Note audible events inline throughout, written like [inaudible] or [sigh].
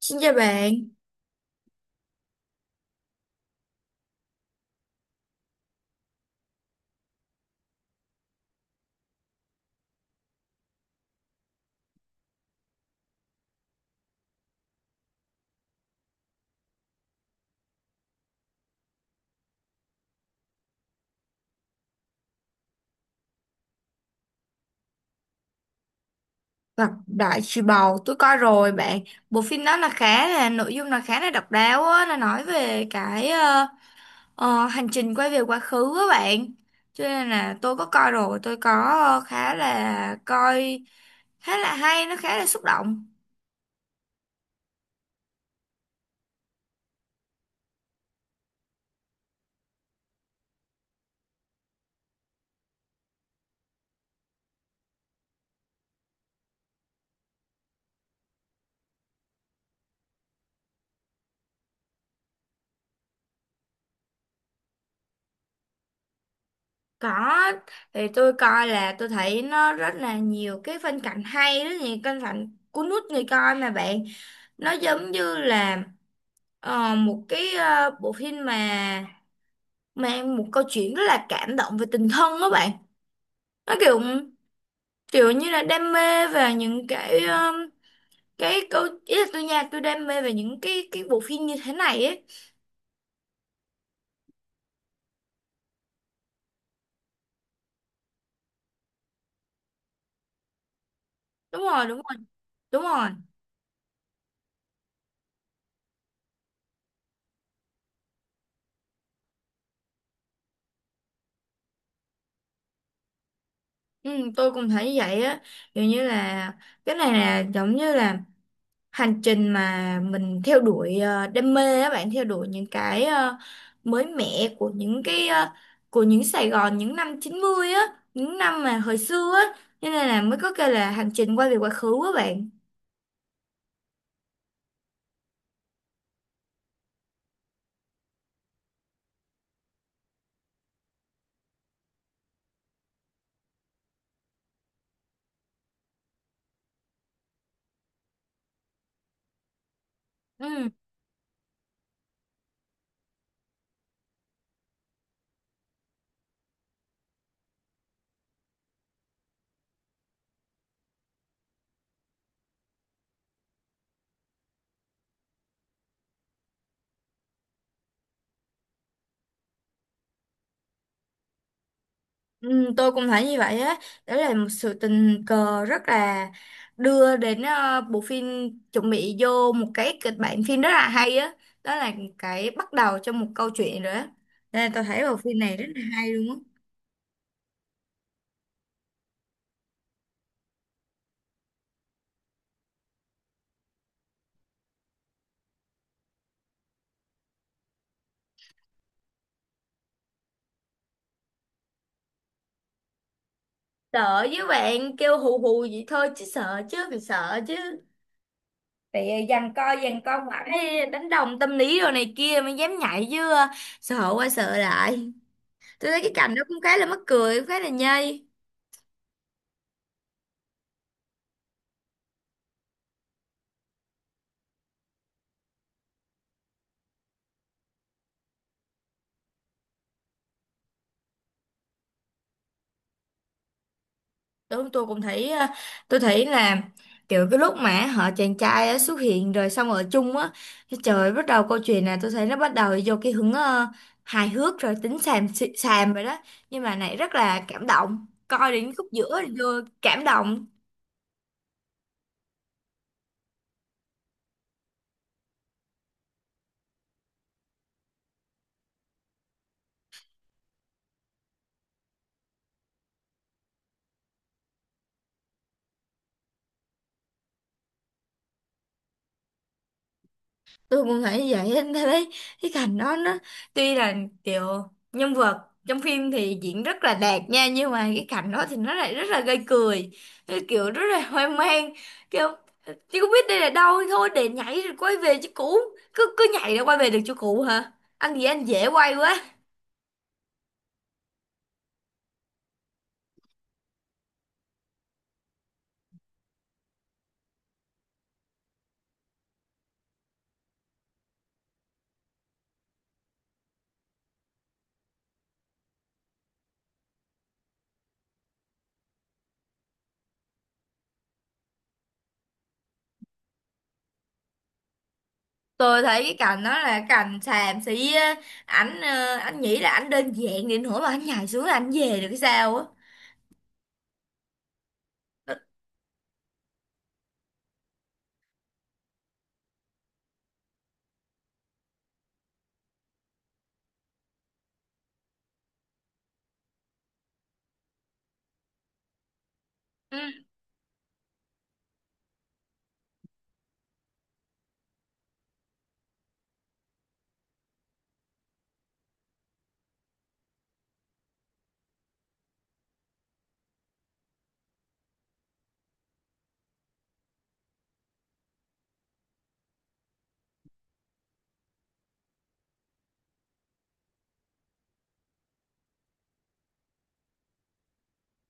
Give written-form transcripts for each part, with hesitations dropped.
Xin chào bạn, Lạc Đại Trùy Bầu, tôi coi rồi bạn. Bộ phim đó là khá là nội dung là khá là độc đáo á, nó nói về cái hành trình quay về quá khứ á bạn. Cho nên là tôi có coi rồi, tôi có khá là coi khá là hay, nó khá là xúc động. Có. Thì tôi coi là tôi thấy nó rất là nhiều cái phân cảnh hay, rất nhiều phân cảnh cuốn hút người coi mà bạn. Nó giống như là một cái bộ phim mà mang một câu chuyện rất là cảm động về tình thân đó bạn, nó kiểu kiểu như là đam mê về những cái câu ý là tôi nha, tôi đam mê về những cái bộ phim như thế này ấy. Đúng rồi, đúng rồi, đúng rồi. Ừ, tôi cũng thấy như vậy á, kiểu như là cái này là giống như là hành trình mà mình theo đuổi đam mê á bạn, theo đuổi những cái mới mẻ của những cái của những Sài Gòn những năm 90 á, những năm mà hồi xưa á, cho nên là mới có kêu là hành trình quay về quá khứ á bạn. Ừ, ừ, tôi cũng thấy như vậy á. Đó là một sự tình cờ rất là đưa đến bộ phim chuẩn bị vô một cái kịch bản phim rất là hay á, đó là cái bắt đầu cho một câu chuyện rồi á, nên là tôi thấy bộ phim này rất là hay luôn á. Sợ với bạn kêu hù hù vậy thôi chứ sợ chứ, mình sợ chứ. Thì giằng co mãi. Ê, đánh đồng tâm lý rồi này kia mới dám nhảy chứ, sợ qua sợ lại. Tôi thấy cái cảnh đó cũng khá là mắc cười, cũng khá là nhây. Tôi cũng thấy tôi thấy là kiểu cái lúc mà họ chàng trai á xuất hiện rồi xong ở chung á, cái trời bắt đầu câu chuyện là tôi thấy nó bắt đầu vô cái hướng hài hước rồi tính xàm rồi đó, nhưng mà này rất là cảm động, coi đến khúc giữa thì vô cảm động. Tôi cũng nghĩ vậy [laughs] em thấy cái cảnh đó nó tuy là kiểu nhân vật trong phim thì diễn rất là đạt nha, nhưng mà cái cảnh đó thì nó lại rất là gây cười. Cái kiểu rất là hoang mang, kiểu chứ không biết đây là đâu, thôi để nhảy rồi quay về chỗ cũ. Cứ cứ nhảy rồi quay về được chỗ cũ hả? Anh gì anh dễ quay quá. Tôi thấy cái cảnh đó là cảnh xàm xí á. Anh nghĩ là ảnh đơn giản đến nỗi mà anh nhảy xuống là anh về được cái sao á? Ừ.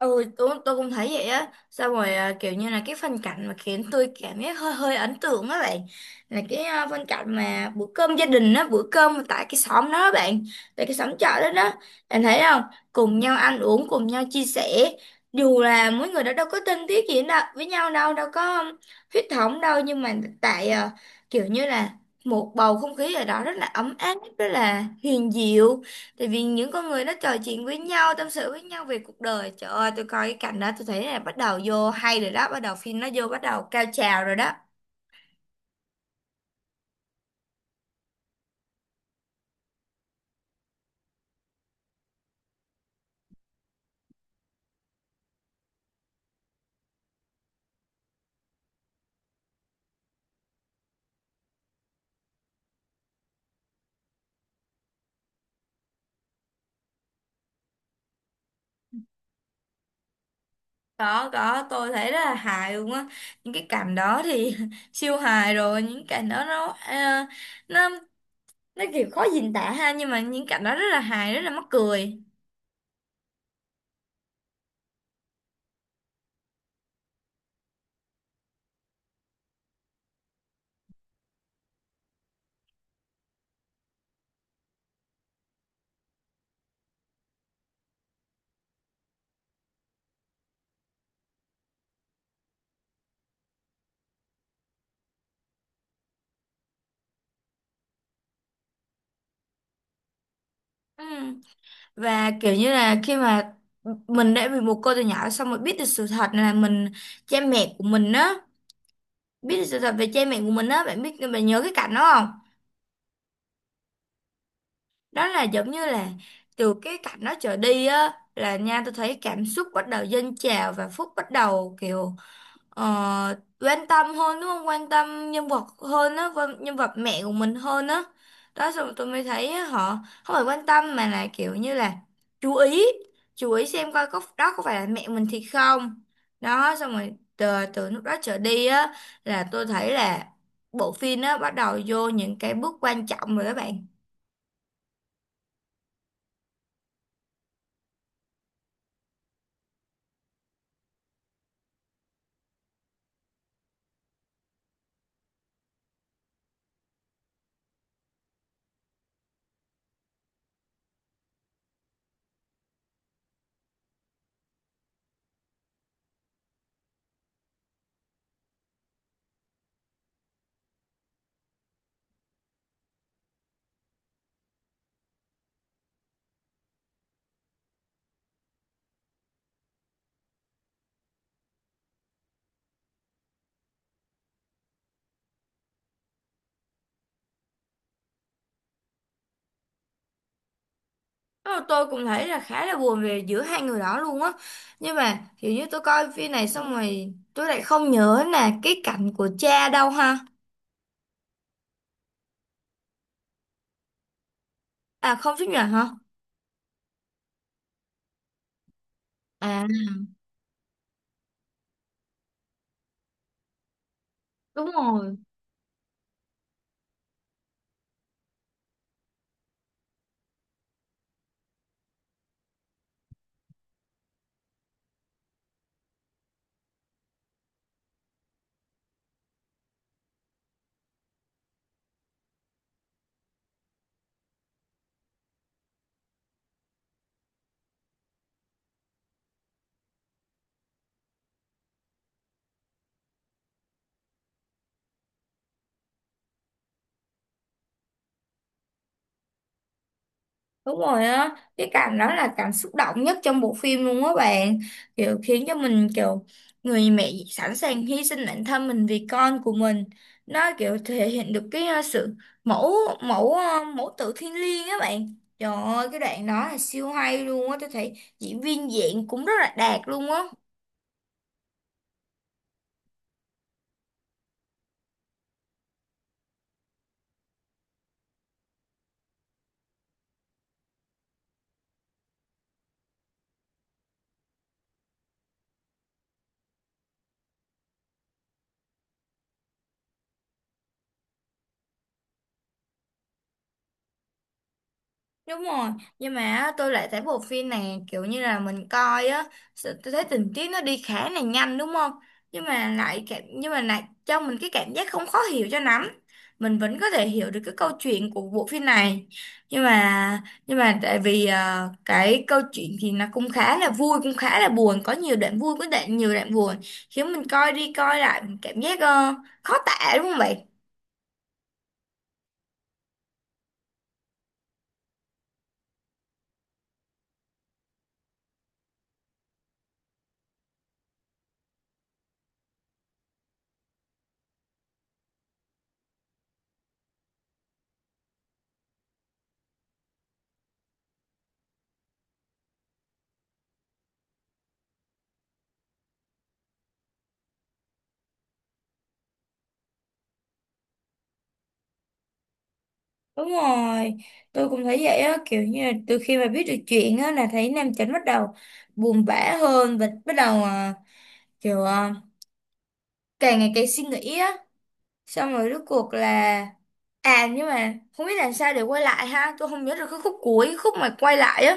Ừ, tôi cũng thấy vậy á. Sao rồi à, kiểu như là cái phân cảnh mà khiến tôi cảm giác hơi hơi ấn tượng á bạn. Là cái phân cảnh mà bữa cơm gia đình á, bữa cơm tại cái xóm đó á bạn, tại cái xóm chợ đó đó. Bạn thấy không? Cùng nhau ăn uống, cùng nhau chia sẻ. Dù là mỗi người đó đâu có thân thiết gì đâu, với nhau đâu, đâu có huyết thống đâu. Nhưng mà tại kiểu như là một bầu không khí ở đó rất là ấm áp, rất là hiền diệu. Tại vì những con người nó trò chuyện với nhau, tâm sự với nhau về cuộc đời. Trời ơi, tôi coi cái cảnh đó tôi thấy là bắt đầu vô hay rồi đó, bắt đầu phim nó vô bắt đầu cao trào rồi đó. Có, tôi thấy rất là hài luôn á. Những cái cảnh đó thì [laughs] siêu hài rồi, những cảnh đó nó nó nó kiểu khó diễn tả ha, nhưng mà những cảnh đó rất là hài, rất là mắc cười. Ừ. Và kiểu như là khi mà mình đã bị một cô từ nhỏ xong rồi biết được sự thật là mình, cha mẹ của mình á, biết được sự thật về cha mẹ của mình á, bạn biết, bạn nhớ cái cảnh đó không? Đó là giống như là từ cái cảnh đó trở đi á là nha, tôi thấy cảm xúc bắt đầu dâng trào và Phúc bắt đầu kiểu ờ, quan tâm hơn, đúng không? Quan tâm nhân vật hơn á, nhân vật mẹ của mình hơn á. Đó xong rồi tôi mới thấy á, họ không phải quan tâm mà là kiểu như là chú ý, chú ý xem coi có đó có phải là mẹ mình thì không. Đó xong rồi từ lúc đó trở đi á là tôi thấy là bộ phim á bắt đầu vô những cái bước quan trọng rồi các bạn. Ờ, tôi cũng thấy là khá là buồn về giữa hai người đó luôn á, nhưng mà kiểu như tôi coi phim này xong rồi tôi lại không nhớ là cái cảnh của cha đâu ha. À, không chấp nhận hả? À, đúng rồi. Đúng rồi á, cái cảm đó là cảm xúc động nhất trong bộ phim luôn á bạn. Kiểu khiến cho mình kiểu người mẹ sẵn sàng hy sinh bản thân mình vì con của mình. Nó kiểu thể hiện được cái sự mẫu mẫu ờ, mẫu tử thiêng liêng á bạn. Trời ơi, cái đoạn đó là siêu hay luôn á, tôi thấy diễn viên diễn cũng rất là đạt luôn á. Đúng rồi, nhưng mà á, tôi lại thấy bộ phim này kiểu như là mình coi á, tôi thấy tình tiết nó đi khá là nhanh, đúng không? Nhưng mà lại cho mình cái cảm giác không khó hiểu cho lắm. Mình vẫn có thể hiểu được cái câu chuyện của bộ phim này. Nhưng mà nhưng mà tại vì cái câu chuyện thì nó cũng khá là vui, cũng khá là buồn, có nhiều đoạn vui, có đoạn nhiều đoạn buồn, khiến mình coi đi coi lại mình cảm giác khó tả, đúng không vậy? Đúng rồi, tôi cũng thấy vậy á, kiểu như là từ khi mà biết được chuyện á là thấy Nam Chánh bắt đầu buồn bã hơn và bắt đầu kiểu càng ngày càng suy nghĩ á, xong rồi rốt cuộc là à, nhưng mà không biết làm sao để quay lại ha, tôi không nhớ được cái khúc cuối, khúc mà quay lại á.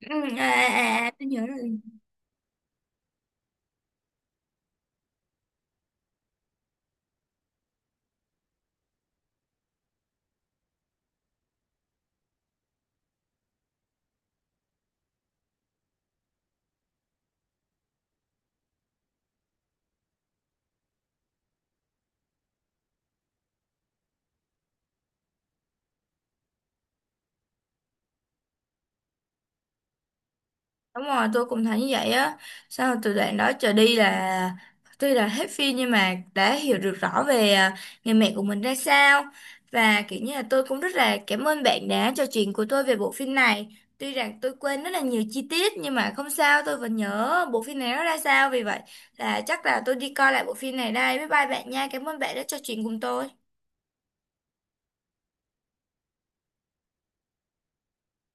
Ừ, tôi nhớ rồi. Đúng rồi, tôi cũng thấy như vậy á. Sau từ đoạn đó trở đi là tuy là hết phim nhưng mà đã hiểu được rõ về người mẹ của mình ra sao. Và kiểu như là tôi cũng rất là cảm ơn bạn đã trò chuyện của tôi về bộ phim này. Tuy rằng tôi quên rất là nhiều chi tiết nhưng mà không sao, tôi vẫn nhớ bộ phim này nó ra sao. Vì vậy là chắc là tôi đi coi lại bộ phim này đây. Bye bye bạn nha. Cảm ơn bạn đã trò chuyện cùng tôi.